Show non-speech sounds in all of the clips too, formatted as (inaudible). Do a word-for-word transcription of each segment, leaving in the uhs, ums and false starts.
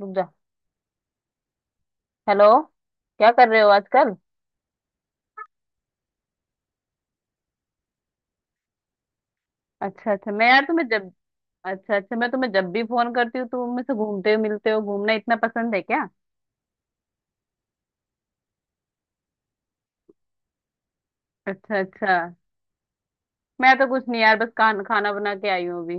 रुक जा। हेलो। क्या कर रहे हो आजकल? अच्छा अच्छा, मैं यार तुम्हें जब... अच्छा अच्छा, मैं तुम्हें जब भी फोन करती हूँ तुम मुझसे घूमते हो, मिलते हो। घूमना इतना पसंद है क्या? अच्छा अच्छा। मैं तो कुछ नहीं यार, बस खान, खाना बना के आई हूँ अभी।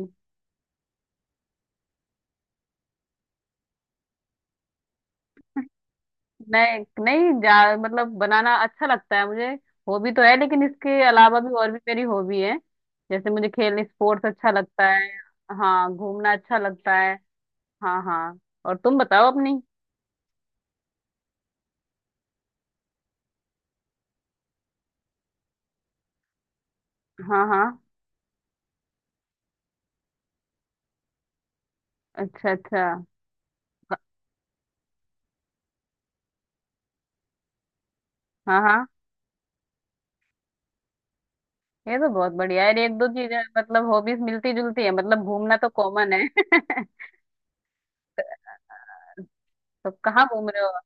नहीं नहीं जा। मतलब बनाना अच्छा लगता है मुझे। हॉबी तो है लेकिन इसके अलावा भी और भी मेरी हॉबी है। जैसे मुझे खेलने स्पोर्ट्स अच्छा लगता है। हाँ घूमना अच्छा लगता है। हाँ हाँ। और तुम बताओ अपनी। हाँ हाँ। अच्छा अच्छा। हाँ हाँ, ये तो बहुत बढ़िया है। एक दो चीजें मतलब हॉबीज मिलती जुलती है, मतलब घूमना तो कॉमन है (laughs) तो कहाँ घूम रहे हो?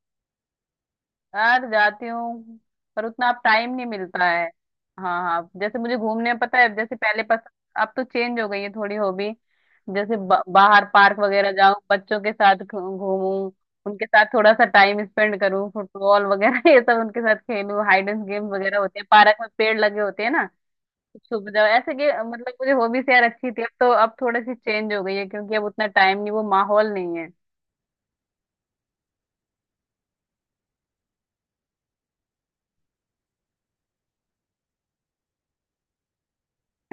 यार जाती हूँ, पर उतना अब टाइम नहीं मिलता है। हाँ हाँ, जैसे मुझे घूमने में पता है, जैसे पहले पसंद... अब तो चेंज हो गई है थोड़ी हॉबी। जैसे ब- बाहर पार्क वगैरह जाऊं, बच्चों के साथ घू- घूमूं, उनके साथ थोड़ा सा टाइम स्पेंड करूं। फुटबॉल वगैरह (laughs) ये सब उनके साथ खेलूं। हाइड एंड गेम वगैरह होते हैं, पार्क में पेड़ लगे होते हैं ना, छुप जाओ ऐसे कि... मतलब मुझे हॉबीज यार अच्छी थी। अब तो अब थोड़ी सी चेंज हो गई है क्योंकि अब उतना टाइम नहीं, वो माहौल नहीं है।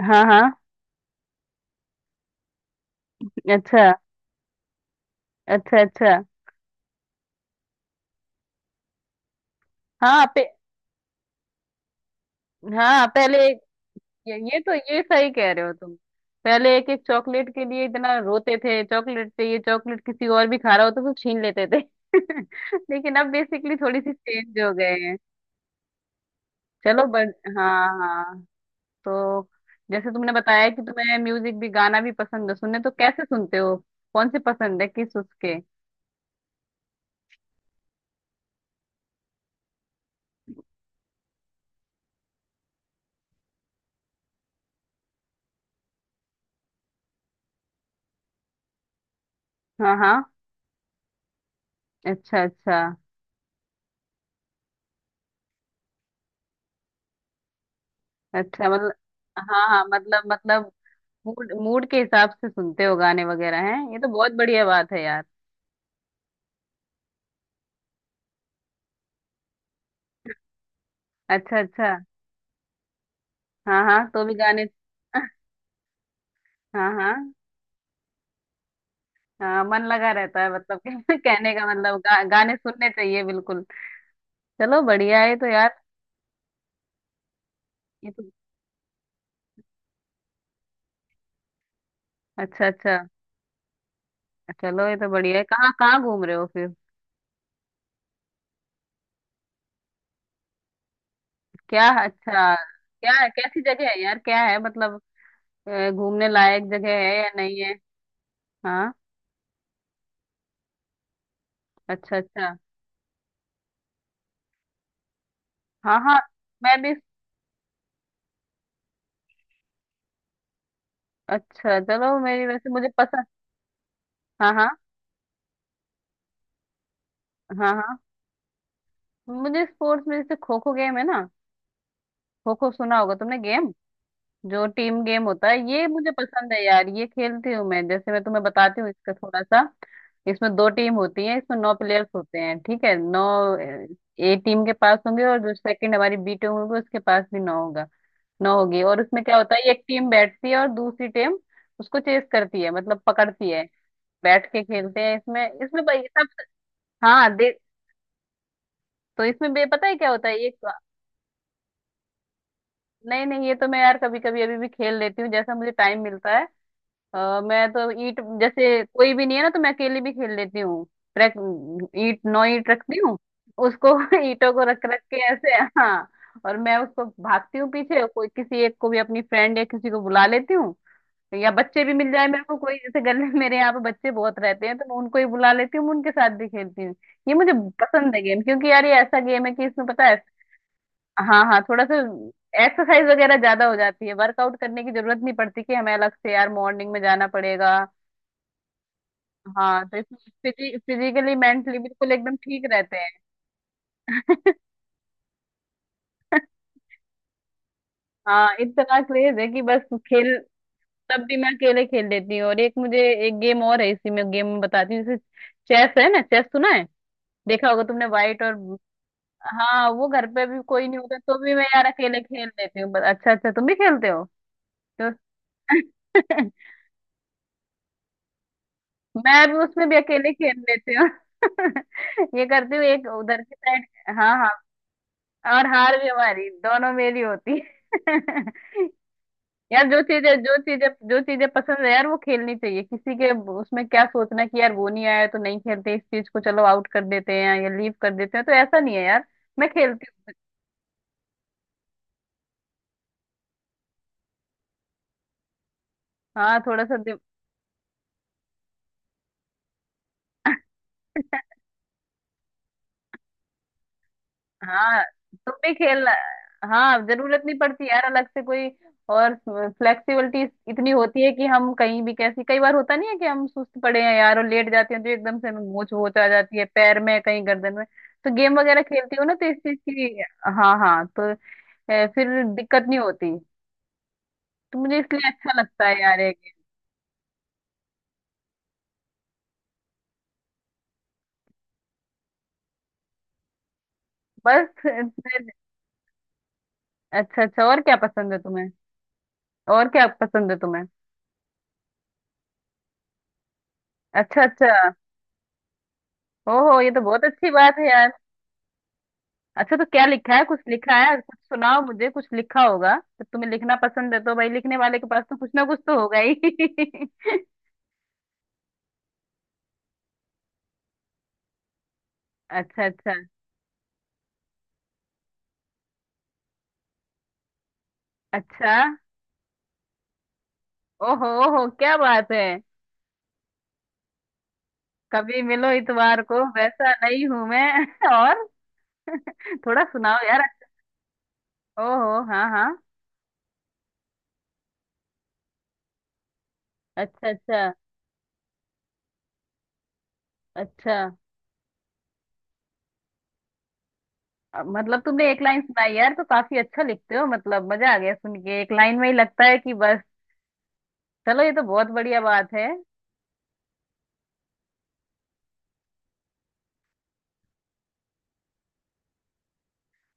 हाँ हाँ। अच्छा अच्छा अच्छा। हाँ पे, हाँ पहले एक- ये, ये तो ये सही कह रहे हो तुम। पहले एक एक चॉकलेट के लिए इतना रोते थे, चॉकलेट चाहिए, चॉकलेट किसी और भी खा रहा हो तो सब छीन लेते थे (laughs) लेकिन अब बेसिकली थोड़ी सी चेंज हो गए हैं। चलो बस। हाँ हाँ। तो जैसे तुमने बताया कि तुम्हें म्यूजिक भी, गाना भी पसंद है सुनने, तो कैसे सुनते हो? कौन से पसंद है किस उसके? हाँ हाँ। अच्छा अच्छा। अच्छा मतलब... हाँ हाँ, मतलब मतलब मूड मूड के हिसाब से सुनते हो गाने वगैरह हैं, ये तो बहुत बढ़िया बात है यार। अच्छा अच्छा। हाँ हाँ, तो भी गाने (laughs) हाँ हाँ हाँ मन लगा रहता है, मतलब (laughs) कहने का मतलब गा, गाने सुनने चाहिए बिल्कुल। चलो बढ़िया है तो यार। ये तो... अच्छा अच्छा। चलो ये तो बढ़िया है। कहाँ कहाँ घूम रहे हो फिर? क्या? अच्छा क्या है? कैसी जगह है यार? क्या है मतलब, अ, घूमने लायक जगह है या नहीं है? हाँ। अच्छा अच्छा। हाँ हाँ, मैं भी... अच्छा चलो, मेरी वैसे मुझे पसंद... हाँ हाँ। हाँ हाँ। मुझे स्पोर्ट्स में जैसे खो खो गेम है ना, खो खो सुना होगा तुमने गेम। जो टीम गेम होता है, ये मुझे पसंद है यार, ये खेलती हूँ मैं। जैसे मैं तुम्हें बताती हूँ इसका थोड़ा सा। इसमें दो टीम होती है, इसमें नौ प्लेयर्स होते हैं, ठीक है? नौ ए टीम के पास होंगे और जो सेकंड हमारी बी टीम होगी, उसके पास भी नौ होगा ना, होगी। और उसमें क्या होता है, एक टीम बैठती है और दूसरी टीम उसको चेस करती है, मतलब पकड़ती है। बैठ के खेलते हैं इसमें, इसमें भाई सब। हाँ दे। तो इसमें बे पता है क्या होता है एक... नहीं नहीं, ये तो मैं यार कभी कभी अभी भी खेल लेती हूँ, जैसा मुझे टाइम मिलता है। अ, मैं तो ईट जैसे कोई भी नहीं है ना, तो मैं अकेली भी खेल लेती हूँ। रख। ईट नौ ईट रखती हूँ उसको। (laughs) ईटों को रख रख के ऐसे, हाँ। और मैं उसको भागती हूँ पीछे, और कोई किसी एक को भी अपनी फ्रेंड या किसी को बुला लेती हूँ, या बच्चे भी मिल जाए मेरे को कोई, जैसे गले मेरे यहाँ पे बच्चे बहुत रहते हैं, तो मैं उनको ही बुला लेती हूँ, मैं उनके साथ भी खेलती हूँ। ये मुझे पसंद है गेम, क्योंकि यार ये ऐसा गेम है कि इसमें पता है, हाँ हाँ थोड़ा सा एक्सरसाइज वगैरह ज्यादा हो जाती है, वर्कआउट करने की जरूरत नहीं पड़ती कि हमें अलग से यार मॉर्निंग में जाना पड़ेगा। हाँ तो इसमें फिजिकली मेंटली बिल्कुल एकदम ठीक रहते हैं। हाँ इतना क्रेज है कि बस खेल, तब भी मैं अकेले खेल लेती हूँ। और एक मुझे, एक गेम और है इसी में, गेम बताती हूँ जैसे चेस है ना? चेस सुना है, देखा होगा तुमने, व्हाइट और... हाँ वो घर पे भी कोई नहीं होता तो भी मैं यार अकेले खेल लेती हूँ बस। अच्छा अच्छा तुम भी खेलते हो? तो (laughs) मैं भी उसमें भी अकेले खेल लेती हूँ। (laughs) ये करती हूँ एक उधर की साइड। हाँ हाँ, और हार भी हमारी दोनों मेरी होती है (laughs) यार जो चीजें जो चीजें जो चीजें पसंद है यार वो खेलनी चाहिए। किसी के उसमें क्या सोचना कि यार वो नहीं आया तो नहीं खेलते इस चीज को, चलो आउट कर देते हैं या लीव कर देते हैं, तो ऐसा नहीं है यार। मैं खेलती हूँ। हाँ थोड़ा सा। हाँ तुम भी खेलना। हाँ जरूरत नहीं पड़ती यार अलग से कोई। और फ्लेक्सिबिलिटी इतनी होती है कि हम कहीं भी कैसी, कई बार होता नहीं है कि हम सुस्त पड़े हैं यार और लेट जाते हैं, तो एकदम से हमें मोच वोच आ जाती है पैर में, कहीं गर्दन में। तो गेम वगैरह खेलती हो ना तो इस चीज की... हाँ हाँ। तो अ, फिर दिक्कत नहीं होती। तो मुझे इसलिए अच्छा लगता है यार ये game। बस अ, अच्छा अच्छा, और क्या पसंद है तुम्हें? और क्या पसंद है तुम्हें? अच्छा अच्छा। ओहो, ये तो बहुत अच्छी बात है यार। अच्छा तो क्या लिखा है? कुछ लिखा है, कुछ सुनाओ मुझे। कुछ लिखा होगा, जब तुम्हें लिखना पसंद है तो भाई लिखने वाले के पास तो कुछ ना कुछ तो होगा ही (laughs) अच्छा अच्छा अच्छा। ओहो ओहो क्या बात है! कभी मिलो इतवार को, वैसा नहीं हूं मैं (laughs) और थोड़ा सुनाओ यार। ओहो हाँ हाँ। अच्छा अच्छा अच्छा। अब मतलब तुमने एक लाइन सुनाई यार, तो काफी अच्छा लिखते हो मतलब, मजा आ गया सुन के। एक लाइन में ही लगता है कि बस। चलो ये तो बहुत बढ़िया बात है।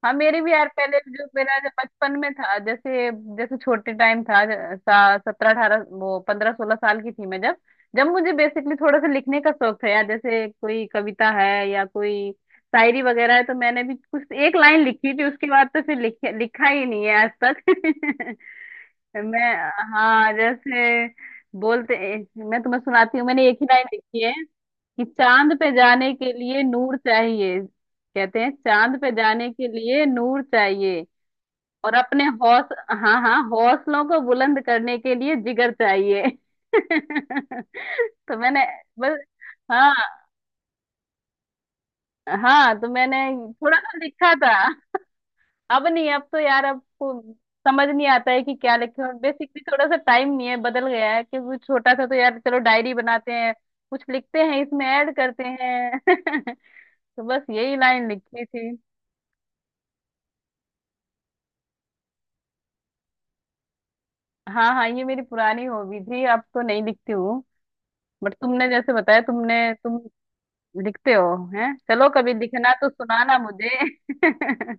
हाँ मेरे भी यार पहले, जो मेरा जो बचपन में था, जैसे जैसे छोटे टाइम था, सत्रह अठारह, वो पंद्रह सोलह साल की थी मैं जब, जब मुझे बेसिकली थोड़ा सा लिखने का शौक था यार। जैसे कोई कविता है या कोई शायरी वगैरह है, तो मैंने भी कुछ एक लाइन लिखी थी, उसके बाद तो फिर लिख, लिखा ही नहीं है आज तक (laughs) मैं, हाँ जैसे, बोलते, मैं तुम्हें सुनाती हूँ, मैंने एक ही लाइन लिखी है कि चांद पे जाने के लिए नूर चाहिए। कहते हैं चांद पे जाने के लिए नूर चाहिए, और अपने हौस, हाँ हाँ, हौसलों को बुलंद करने के लिए जिगर चाहिए (laughs) तो मैंने बस, हाँ हाँ, तो मैंने थोड़ा सा लिखा था। अब नहीं, अब तो यार अब को समझ नहीं आता है कि क्या लिखे। और बेसिकली थोड़ा सा टाइम नहीं है, बदल गया है क्योंकि छोटा था तो यार, चलो डायरी बनाते हैं, कुछ लिखते हैं, इसमें ऐड करते हैं (laughs) तो बस यही लाइन लिखी थी। हाँ हाँ, ये मेरी पुरानी हॉबी थी, अब तो नहीं लिखती हूँ। बट तुमने जैसे बताया, तुमने तुम लिखते हो, हैं, चलो कभी लिखना तो सुनाना मुझे (laughs)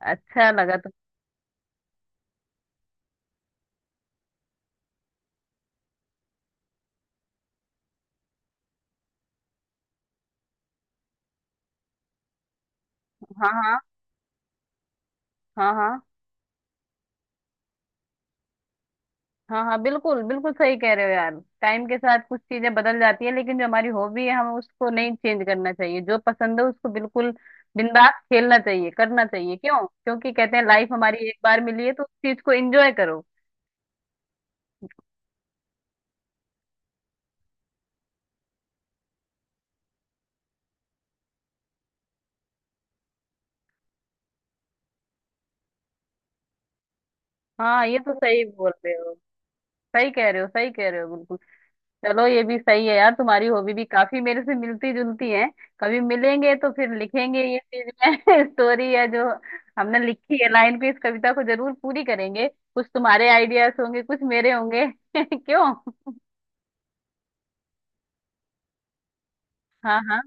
अच्छा लगा तो। हाँ हाँ। हाँ हाँ। हाँ हाँ। बिल्कुल बिल्कुल सही कह रहे हो यार। टाइम के साथ कुछ चीजें बदल जाती है, लेकिन जो हमारी हॉबी है हमें उसको नहीं चेंज करना चाहिए, जो पसंद है उसको बिल्कुल दिन रात खेलना चाहिए, करना चाहिए। क्यों? क्योंकि कहते हैं लाइफ हमारी एक बार मिली है, तो उस चीज को एंजॉय करो। हाँ ये तो सही बोल रहे हो, सही कह रहे हो, सही कह रहे हो बिल्कुल। चलो ये भी सही है यार, तुम्हारी हॉबी भी काफी मेरे से मिलती जुलती है। कभी मिलेंगे तो फिर लिखेंगे ये चीज में (laughs) स्टोरी है, जो हमने लिखी है लाइन पे, इस कविता को जरूर पूरी करेंगे। कुछ तुम्हारे आइडियाज होंगे, कुछ मेरे होंगे (laughs) क्यों? हाँ हाँ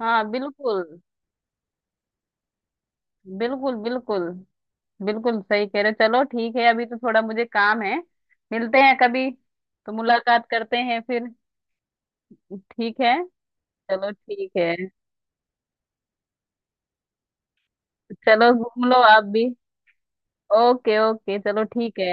हाँ। बिल्कुल बिल्कुल बिल्कुल। बिल्कुल सही कह रहे हो। चलो ठीक है, अभी तो थोड़ा मुझे काम है, मिलते हैं कभी, तो मुलाकात करते हैं फिर, ठीक है? चलो ठीक है। चलो घूम लो आप भी। ओके ओके चलो ठीक है।